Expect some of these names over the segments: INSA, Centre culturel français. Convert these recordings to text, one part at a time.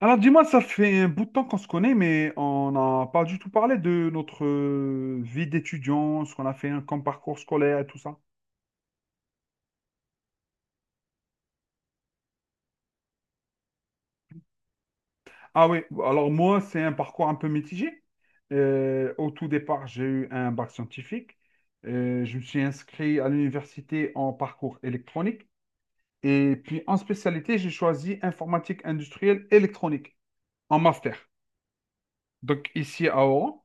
Alors dis-moi, ça fait un bout de temps qu'on se connaît, mais on n'a pas du tout parlé de notre vie d'étudiant, ce qu'on a fait hein, comme parcours scolaire et tout ça. Ah oui, alors moi, c'est un parcours un peu mitigé. Au tout départ, j'ai eu un bac scientifique. Je me suis inscrit à l'université en parcours électronique. Et puis en spécialité, j'ai choisi informatique industrielle électronique en master. Donc ici à Oran.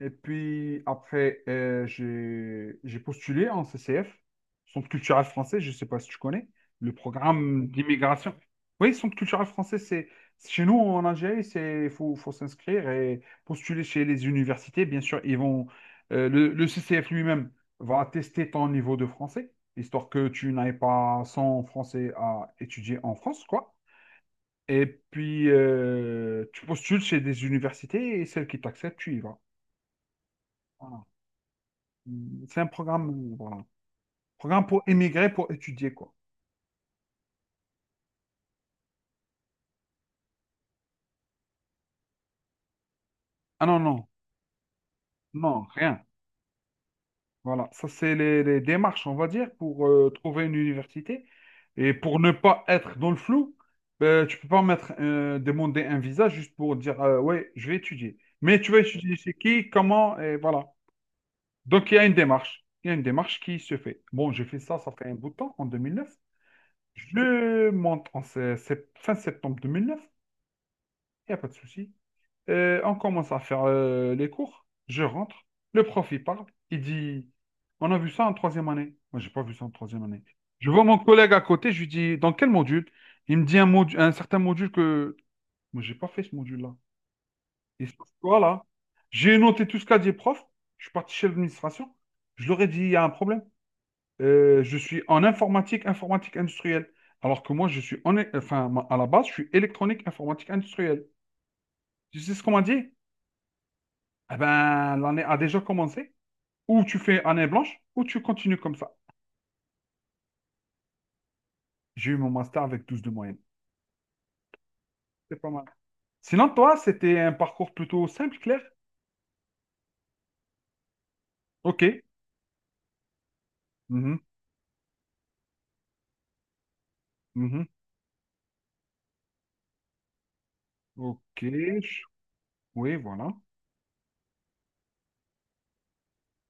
Et puis après, j'ai postulé en CCF, Centre culturel français, je ne sais pas si tu connais, le programme d'immigration. Oui, Centre culturel français, c'est chez nous en Algérie, c'est il faut s'inscrire et postuler chez les universités. Bien sûr, ils vont le CCF lui-même va tester ton niveau de français, histoire que tu n'ailles pas sans français à étudier en France, quoi. Et puis, tu postules chez des universités et celles qui t'acceptent, tu y vas. Voilà. C'est un programme, voilà. Programme pour émigrer, pour étudier, quoi. Ah non, non, non, rien. Voilà, ça, c'est les démarches, on va dire, pour trouver une université. Et pour ne pas être dans le flou, tu peux pas mettre, demander un visa juste pour dire, ouais, je vais étudier. Mais tu vas étudier chez qui, comment, et voilà. Donc, il y a une démarche. Il y a une démarche qui se fait. Bon, j'ai fait ça, ça fait un bout de temps, en 2009. Je monte en fin septembre 2009. Il n'y a pas de souci. On commence à faire les cours. Je rentre. Le prof, il parle. Il dit, on a vu ça en troisième année. Moi, j'ai pas vu ça en troisième année. Je vois mon collègue à côté. Je lui dis, dans quel module? Il me dit un module, un certain module que moi, j'ai pas fait ce module-là. Et ça, voilà. J'ai noté tout ce qu'a dit le prof. Je suis parti chez l'administration. Je leur ai dit, il y a un problème. Je suis en informatique, informatique industrielle. Alors que moi, je suis en, enfin, à la base, je suis électronique, informatique industrielle. Tu sais ce qu'on m'a dit? Eh ben, l'année a déjà commencé. Ou tu fais année blanche, ou tu continues comme ça. J'ai eu mon master avec 12 de moyenne. C'est pas mal. Sinon, toi, c'était un parcours plutôt simple, clair? Ok. Mhm, mhm. Ok. je- Oui, voilà.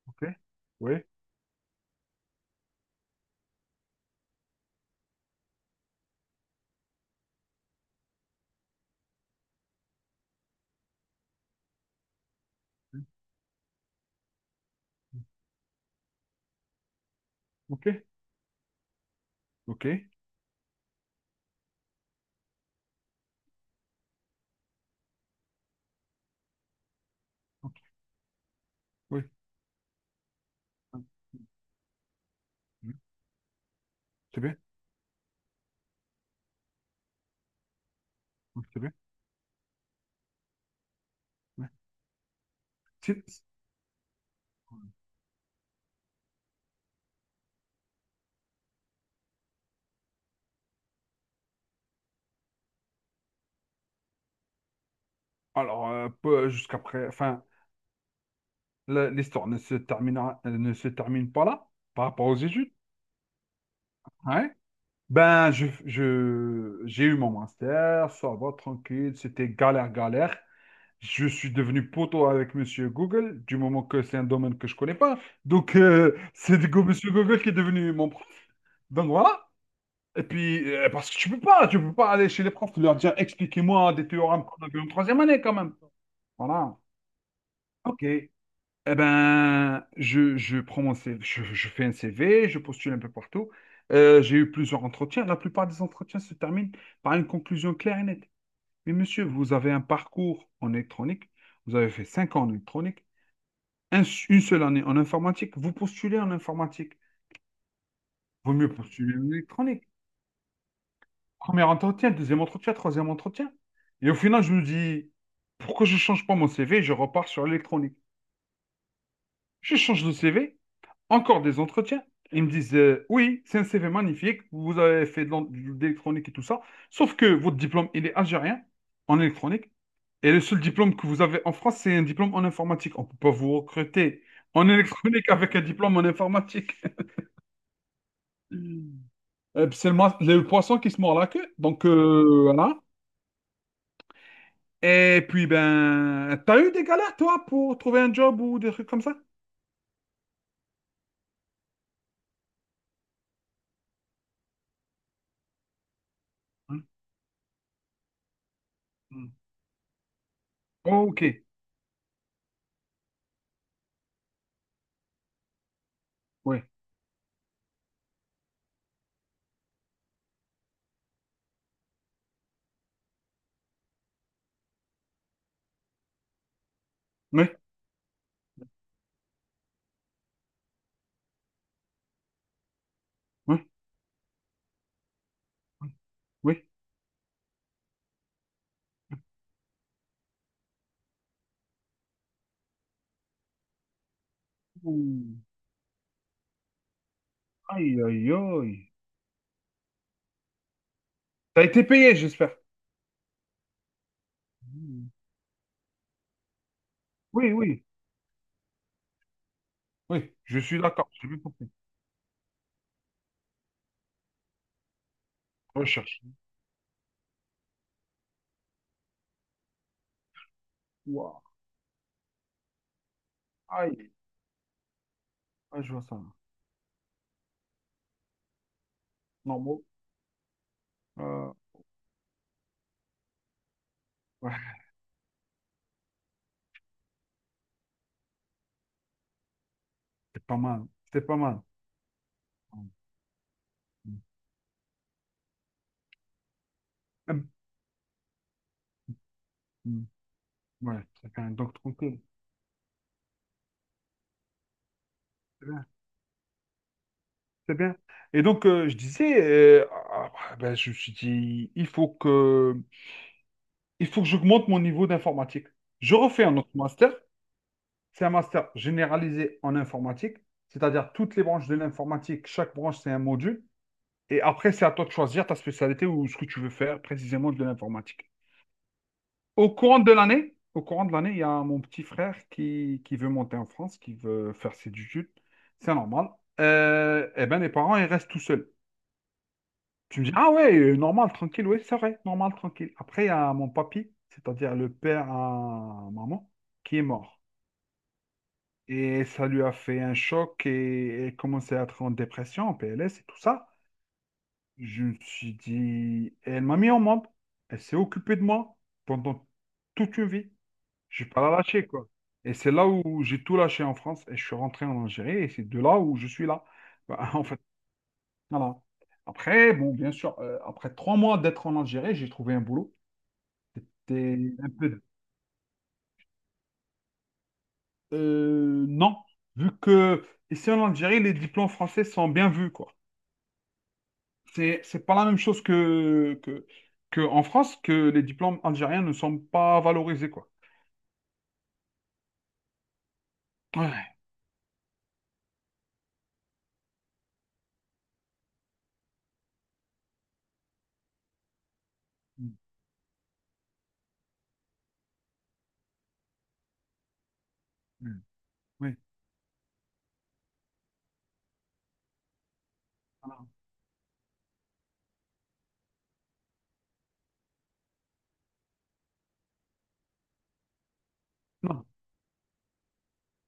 Ok. Oui. Ok. Ok. Ok. Oui. Mhm. C'est bien. Oui, c'est bien. Oui. Si. Alors, jusqu'après, enfin, l'histoire ne se terminera, ne se termine pas là, par rapport aux études. Hein? Ben, j'ai eu mon master, ça va, tranquille, c'était galère, galère. Je suis devenu poteau avec Monsieur Google, du moment que c'est un domaine que je connais pas. Donc, c'est du coup Monsieur Google qui est devenu mon prof. Donc, voilà. Et puis, parce que tu peux pas aller chez les profs, leur dire, expliquez-moi des théorèmes qu'on avait vu en troisième année, quand même. Voilà. OK. Eh ben, je prends mon CV, je fais un CV, je postule un peu partout. J'ai eu plusieurs entretiens. La plupart des entretiens se terminent par une conclusion claire et nette. Mais monsieur, vous avez un parcours en électronique, vous avez fait 5 ans en électronique, un- une seule année en informatique, vous postulez en informatique. Vaut mieux postuler en électronique. Premier entretien, deuxième entretien, troisième entretien. Et au final, je me dis, pourquoi je change pas mon CV, je repars sur l'électronique. Je change de CV, encore des entretiens. Ils me disent oui, c'est un CV magnifique, vous avez fait de l'électronique et tout ça, sauf que votre diplôme, il est algérien en électronique, et le seul diplôme que vous avez en France, c'est un diplôme en informatique. On ne peut pas vous recruter en électronique avec un diplôme en informatique. Puis c'est le poisson qui se mord la queue, donc voilà. Et puis, ben, t'as eu des galères, toi, pour trouver un job ou des trucs comme ça? Hein, hein. Ok, oui, oui, oui, oui. Oui. Ouh. Aïe, aïe, aïe. T'as été payé, j'espère. Mmh. Oui, oui, oui, je suis d'accord, j'ai bien compris. Recherche. Ouah. Aïe, ah, je vois ça. Normal. Euh, ouais, c'est pas mal, c'est pas mal. Hum, hum, Ouais, c'est bien, donc tranquille. C'est bien. C'est bien. Et donc, je disais, ah, ah, ben, je me suis dit, il faut que j'augmente mon niveau d'informatique. Je refais un autre master. C'est un master généralisé en informatique, c'est-à-dire toutes les branches de l'informatique, chaque branche, c'est un module. Et après, c'est à toi de choisir ta spécialité ou ce que tu veux faire précisément de l'informatique. Au courant de l'année, il y a mon petit frère qui veut monter en France, qui veut faire ses études. C'est normal. Eh ben, les parents, ils restent tout seuls. Tu me dis, ah ouais, normal, tranquille, oui, c'est vrai, normal, tranquille. Après, il y a mon papy, c'est-à-dire le père à maman, qui est mort. Et ça lui a fait un choc et elle commençait à être en dépression, en PLS et tout ça. Je me suis dit, elle m'a mis au monde. Elle s'est occupée de moi pendant toute une vie. Je n'ai pas la lâcher, quoi. Et c'est là où j'ai tout lâché en France et je suis rentré en Algérie et c'est de là où je suis là. Bah, en fait, voilà. Après, bon, bien sûr, après 3 mois d'être en Algérie, j'ai trouvé un boulot. C'était un peu... Non, vu que ici en Algérie, les diplômes français sont bien vus, quoi. C'est pas la même chose que, que en France, que les diplômes algériens ne sont pas valorisés, quoi. Ouais. Mm, mm, oui. Alors, non.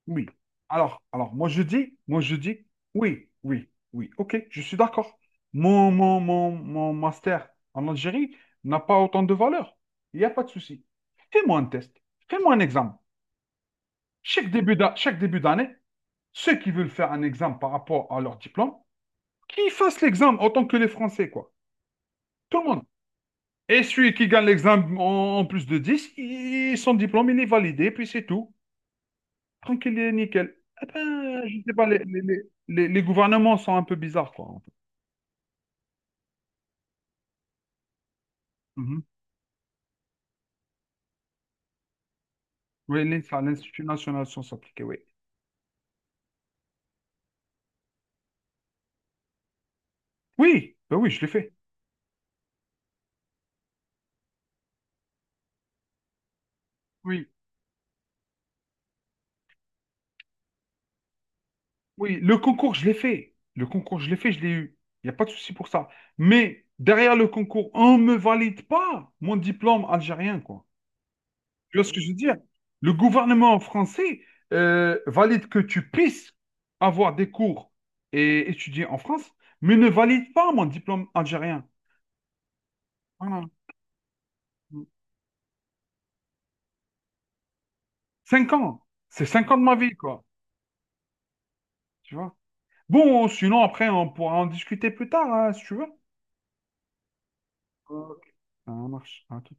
Oui. Moi je dis, oui, oui, oui. Ok, je suis d'accord. Mon master en Algérie n'a pas autant de valeur. Il n'y a pas de souci. Fais-moi un test. Fais-moi un examen. Chaque début d'année, ceux qui veulent faire un examen par rapport à leur diplôme, qu'ils fassent l'examen autant que les Français, quoi. Tout le monde. Et celui qui gagne l'examen en plus de 10, son diplôme, il est validé, puis c'est tout. Tranquille et nickel. Ah ben, je sais pas, les gouvernements sont un peu bizarres, quoi. En fait. Mhm. Oui, l'INSA, l'Institut national de sciences appliquées, oui. Oui, ben oui, je l'ai fait. Oui, oui, le concours, je l'ai fait. Le concours, je l'ai fait, je l'ai eu. Il n'y a pas de souci pour ça. Mais derrière le concours, on ne me valide pas mon diplôme algérien, quoi. Tu vois ce que je veux dire? Le gouvernement français valide que tu puisses avoir des cours et étudier en France, mais ne valide pas mon diplôme algérien. Voilà. 5 ans. C'est cinq ans de ma vie, quoi. Tu vois? Bon, sinon, après, on pourra en discuter plus tard, hein, si tu veux. Ok. Ça marche. À tout.